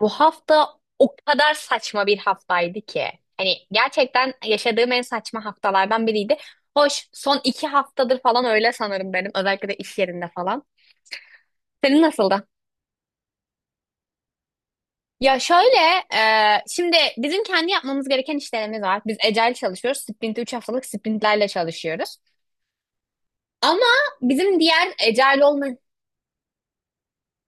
Bu hafta o kadar saçma bir haftaydı ki. Hani gerçekten yaşadığım en saçma haftalardan biriydi. Hoş, son iki haftadır falan öyle sanırım benim. Özellikle de iş yerinde falan. Senin nasıldı? Ya şöyle, şimdi bizim kendi yapmamız gereken işlerimiz var. Biz Agile çalışıyoruz. Sprint 3 haftalık sprintlerle çalışıyoruz. Ama bizim diğer Agile olmayan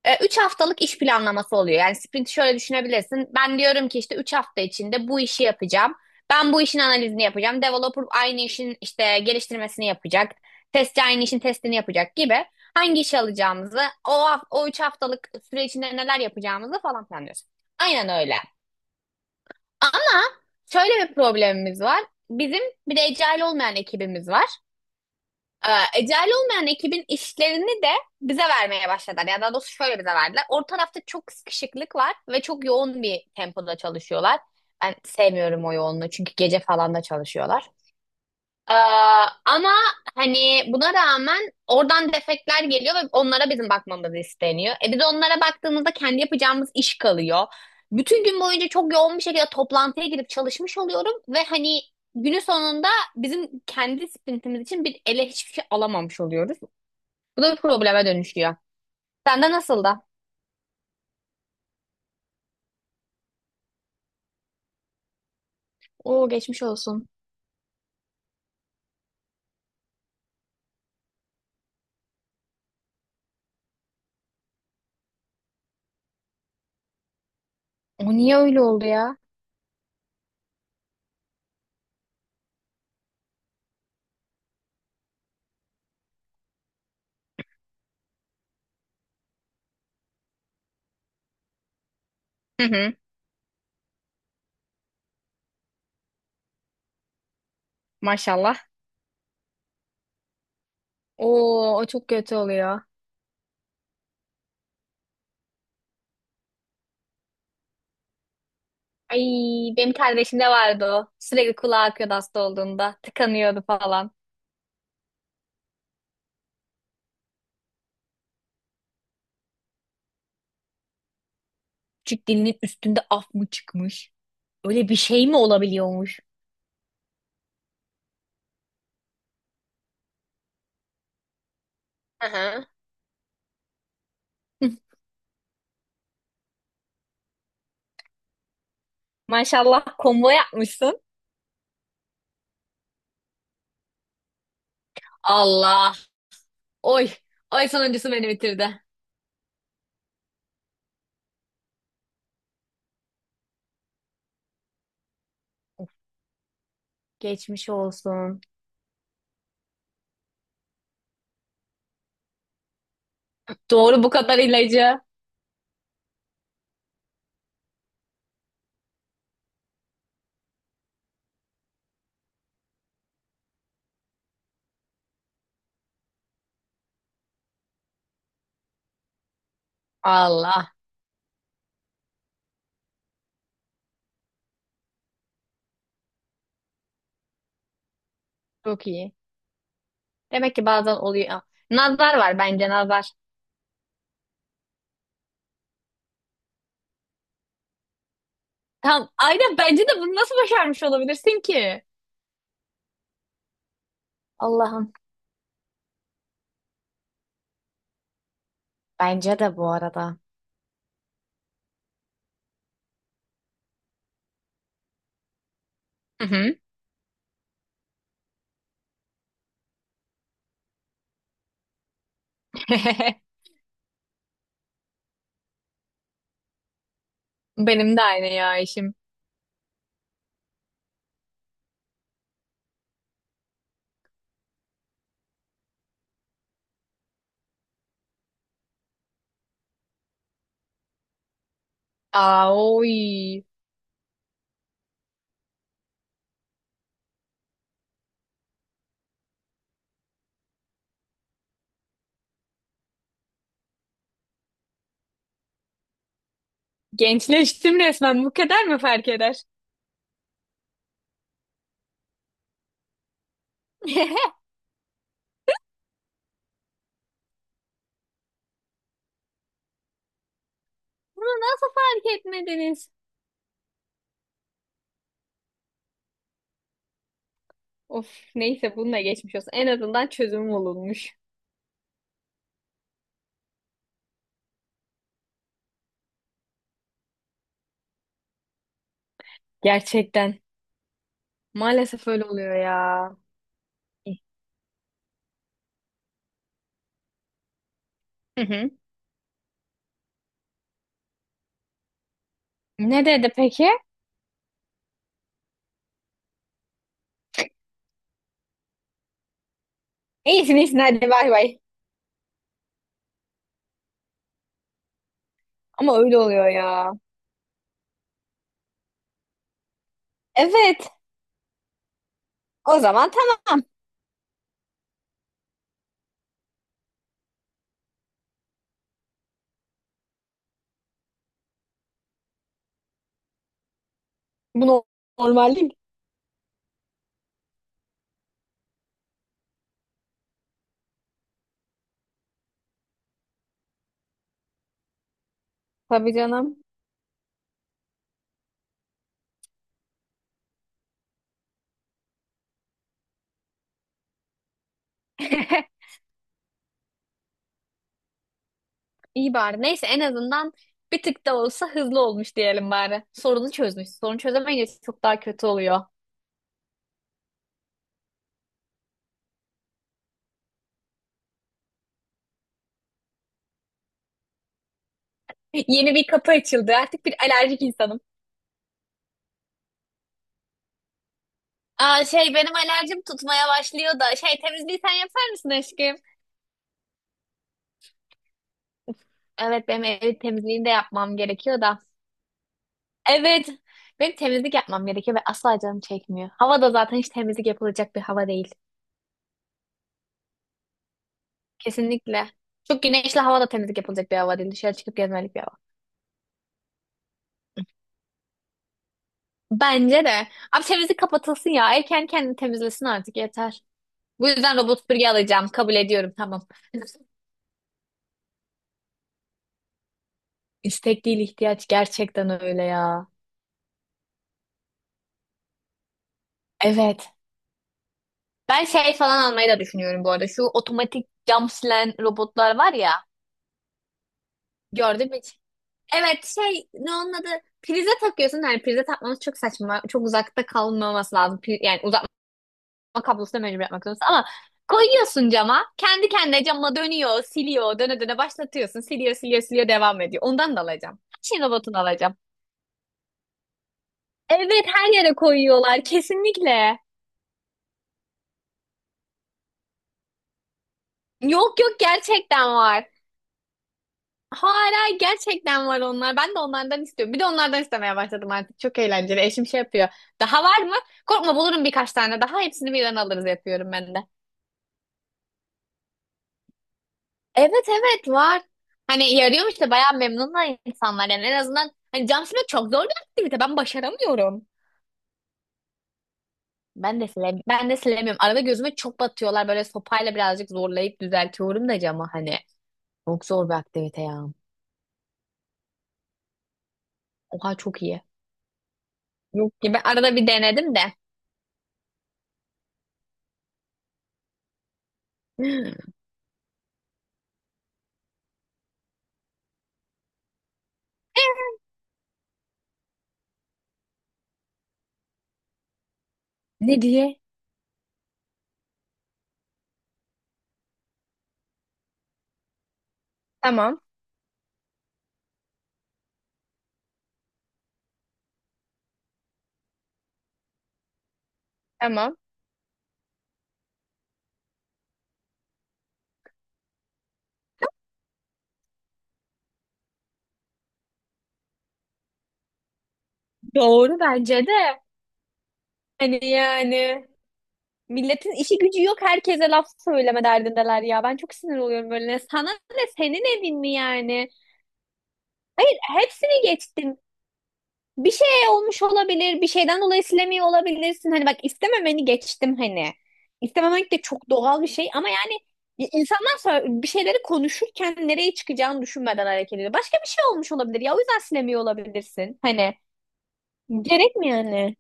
Üç haftalık iş planlaması oluyor. Yani sprinti şöyle düşünebilirsin. Ben diyorum ki işte üç hafta içinde bu işi yapacağım. Ben bu işin analizini yapacağım. Developer aynı işin işte geliştirmesini yapacak. Testçi aynı işin testini yapacak gibi. Hangi işi alacağımızı, o üç haftalık süre içinde neler yapacağımızı falan planlıyoruz. Aynen öyle. Ama şöyle bir problemimiz var. Bizim bir de agile olmayan ekibimiz var. Ee, Ecel olmayan ekibin işlerini de bize vermeye başladılar. Yani daha doğrusu şöyle bize verdiler. Orta tarafta çok sıkışıklık var ve çok yoğun bir tempoda çalışıyorlar. Ben sevmiyorum o yoğunluğu çünkü gece falan da çalışıyorlar. Ee, ama hani buna rağmen oradan defekler geliyor ve onlara bizim bakmamız isteniyor. E biz onlara baktığımızda kendi yapacağımız iş kalıyor. Bütün gün boyunca çok yoğun bir şekilde toplantıya girip çalışmış oluyorum ve hani günün sonunda bizim kendi sprintimiz için bir ele hiçbir şey alamamış oluyoruz. Bu da bir probleme dönüşüyor. Sende nasıl da? Oo, geçmiş olsun. O niye öyle oldu ya? Hı hı, maşallah. Oo, o çok kötü oluyor. Ay, benim kardeşimde vardı o. Sürekli kulağı akıyordu hasta olduğunda. Tıkanıyordu falan. Küçük dilinin üstünde af mı çıkmış? Öyle bir şey mi olabiliyormuş? Aha. Maşallah, combo yapmışsın. Allah. Oy. Oy, sonuncusu beni bitirdi. Geçmiş olsun. Doğru, bu kadar ilacı. Allah. Çok iyi. Demek ki bazen oluyor. Nazar var, bence nazar. Tam aynen, bence de bunu nasıl başarmış olabilirsin ki? Allah'ım. Bence de, bu arada. Hı hı. Benim de aynı ya işim. Aa, oy. Gençleştim resmen. Bu kadar mı fark eder? Bunu nasıl fark etmediniz? Of, neyse, bununla geçmiş olsun. En azından çözüm bulunmuş. Gerçekten. Maalesef öyle oluyor ya. Hı hı. Ne dedi peki? İyisin iyisin, hadi bay bay. Ama öyle oluyor ya. Evet. O zaman tamam. Bu normal değil. Tabii canım. İyi bari. Neyse, en azından bir tık da olsa hızlı olmuş diyelim bari. Sorunu çözmüş. Sorunu çözemeyince çok daha kötü oluyor. Yeni bir kapı açıldı. Artık bir alerjik insanım. Aa, şey, benim alerjim tutmaya başlıyor da. Şey, temizliği sen yapar mısın aşkım? Evet, benim ev temizliğini de yapmam gerekiyor da. Evet. Benim temizlik yapmam gerekiyor ve asla canım çekmiyor. Hava da zaten hiç temizlik yapılacak bir hava değil. Kesinlikle. Çok güneşli hava da temizlik yapılacak bir hava değil. Dışarı çıkıp gezmelik bir. Bence de. Abi temizlik kapatılsın ya. Ev kendini temizlesin artık, yeter. Bu yüzden robot süpürge alacağım. Kabul ediyorum, tamam. İstek değil, ihtiyaç, gerçekten öyle ya. Evet. Ben şey falan almayı da düşünüyorum bu arada. Şu otomatik cam silen robotlar var ya. Gördüm hiç. Evet, şey, ne onun adı? Prize takıyorsun. Yani prize takmanız çok saçma. Çok uzakta kalmaması lazım. Yani kablosuna mecbur yapmak zorundasın. Ama koyuyorsun cama. Kendi kendine cama dönüyor, siliyor. Döne döne başlatıyorsun. Siliyor, siliyor, siliyor, devam ediyor. Ondan da alacağım. Her şeyin robotunu alacağım. Evet, her yere koyuyorlar kesinlikle. Yok yok, gerçekten var. Hala gerçekten var onlar. Ben de onlardan istiyorum. Bir de onlardan istemeye başladım artık. Çok eğlenceli. Eşim şey yapıyor. Daha var mı? Korkma, bulurum birkaç tane daha. Hepsini birden alırız yapıyorum ben de. Evet evet, var. Hani yarıyormuş işte, bayağı memnun da insanlar yani, en azından hani cam silmek çok zor bir aktivite, ben başaramıyorum. Ben de silemiyorum. Ben de silemiyorum. Arada gözüme çok batıyorlar, böyle sopayla birazcık zorlayıp düzeltiyorum da camı hani. Çok zor bir aktivite ya. Oha, çok iyi. Yok ki, ben arada bir denedim de. Ne diye? Tamam, tamam. Doğru, bence de. Hani yani milletin işi gücü yok, herkese laf söyleme derdindeler ya. Ben çok sinir oluyorum böyle. Sana ne, senin evin mi yani? Hayır, hepsini geçtim. Bir şey olmuş olabilir, bir şeyden dolayı silemiyor olabilirsin. Hani bak, istememeni geçtim hani. İstememek de çok doğal bir şey ama yani insanlar sonra bir şeyleri konuşurken nereye çıkacağını düşünmeden hareket ediyor. Başka bir şey olmuş olabilir ya, o yüzden silemiyor olabilirsin. Hani gerek mi yani?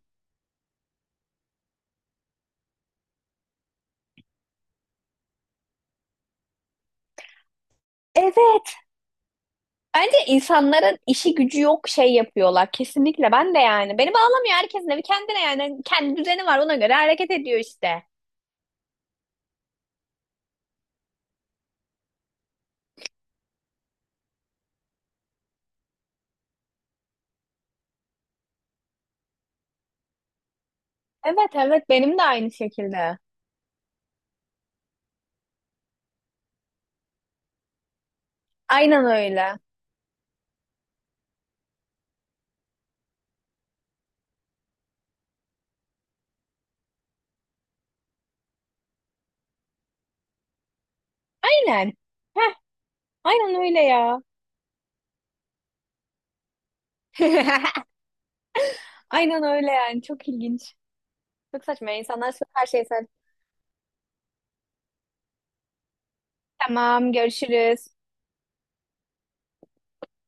Evet. Bence insanların işi gücü yok, şey yapıyorlar. Kesinlikle, ben de yani. Beni bağlamıyor, herkesin evi kendine yani. Kendi düzeni var, ona göre hareket ediyor işte. Evet evet, benim de aynı şekilde. Aynen öyle. Aynen. Heh, aynen öyle ya. Aynen öyle yani. Çok ilginç. Çok saçma. İnsanlar her şeyi sen. Tamam, görüşürüz.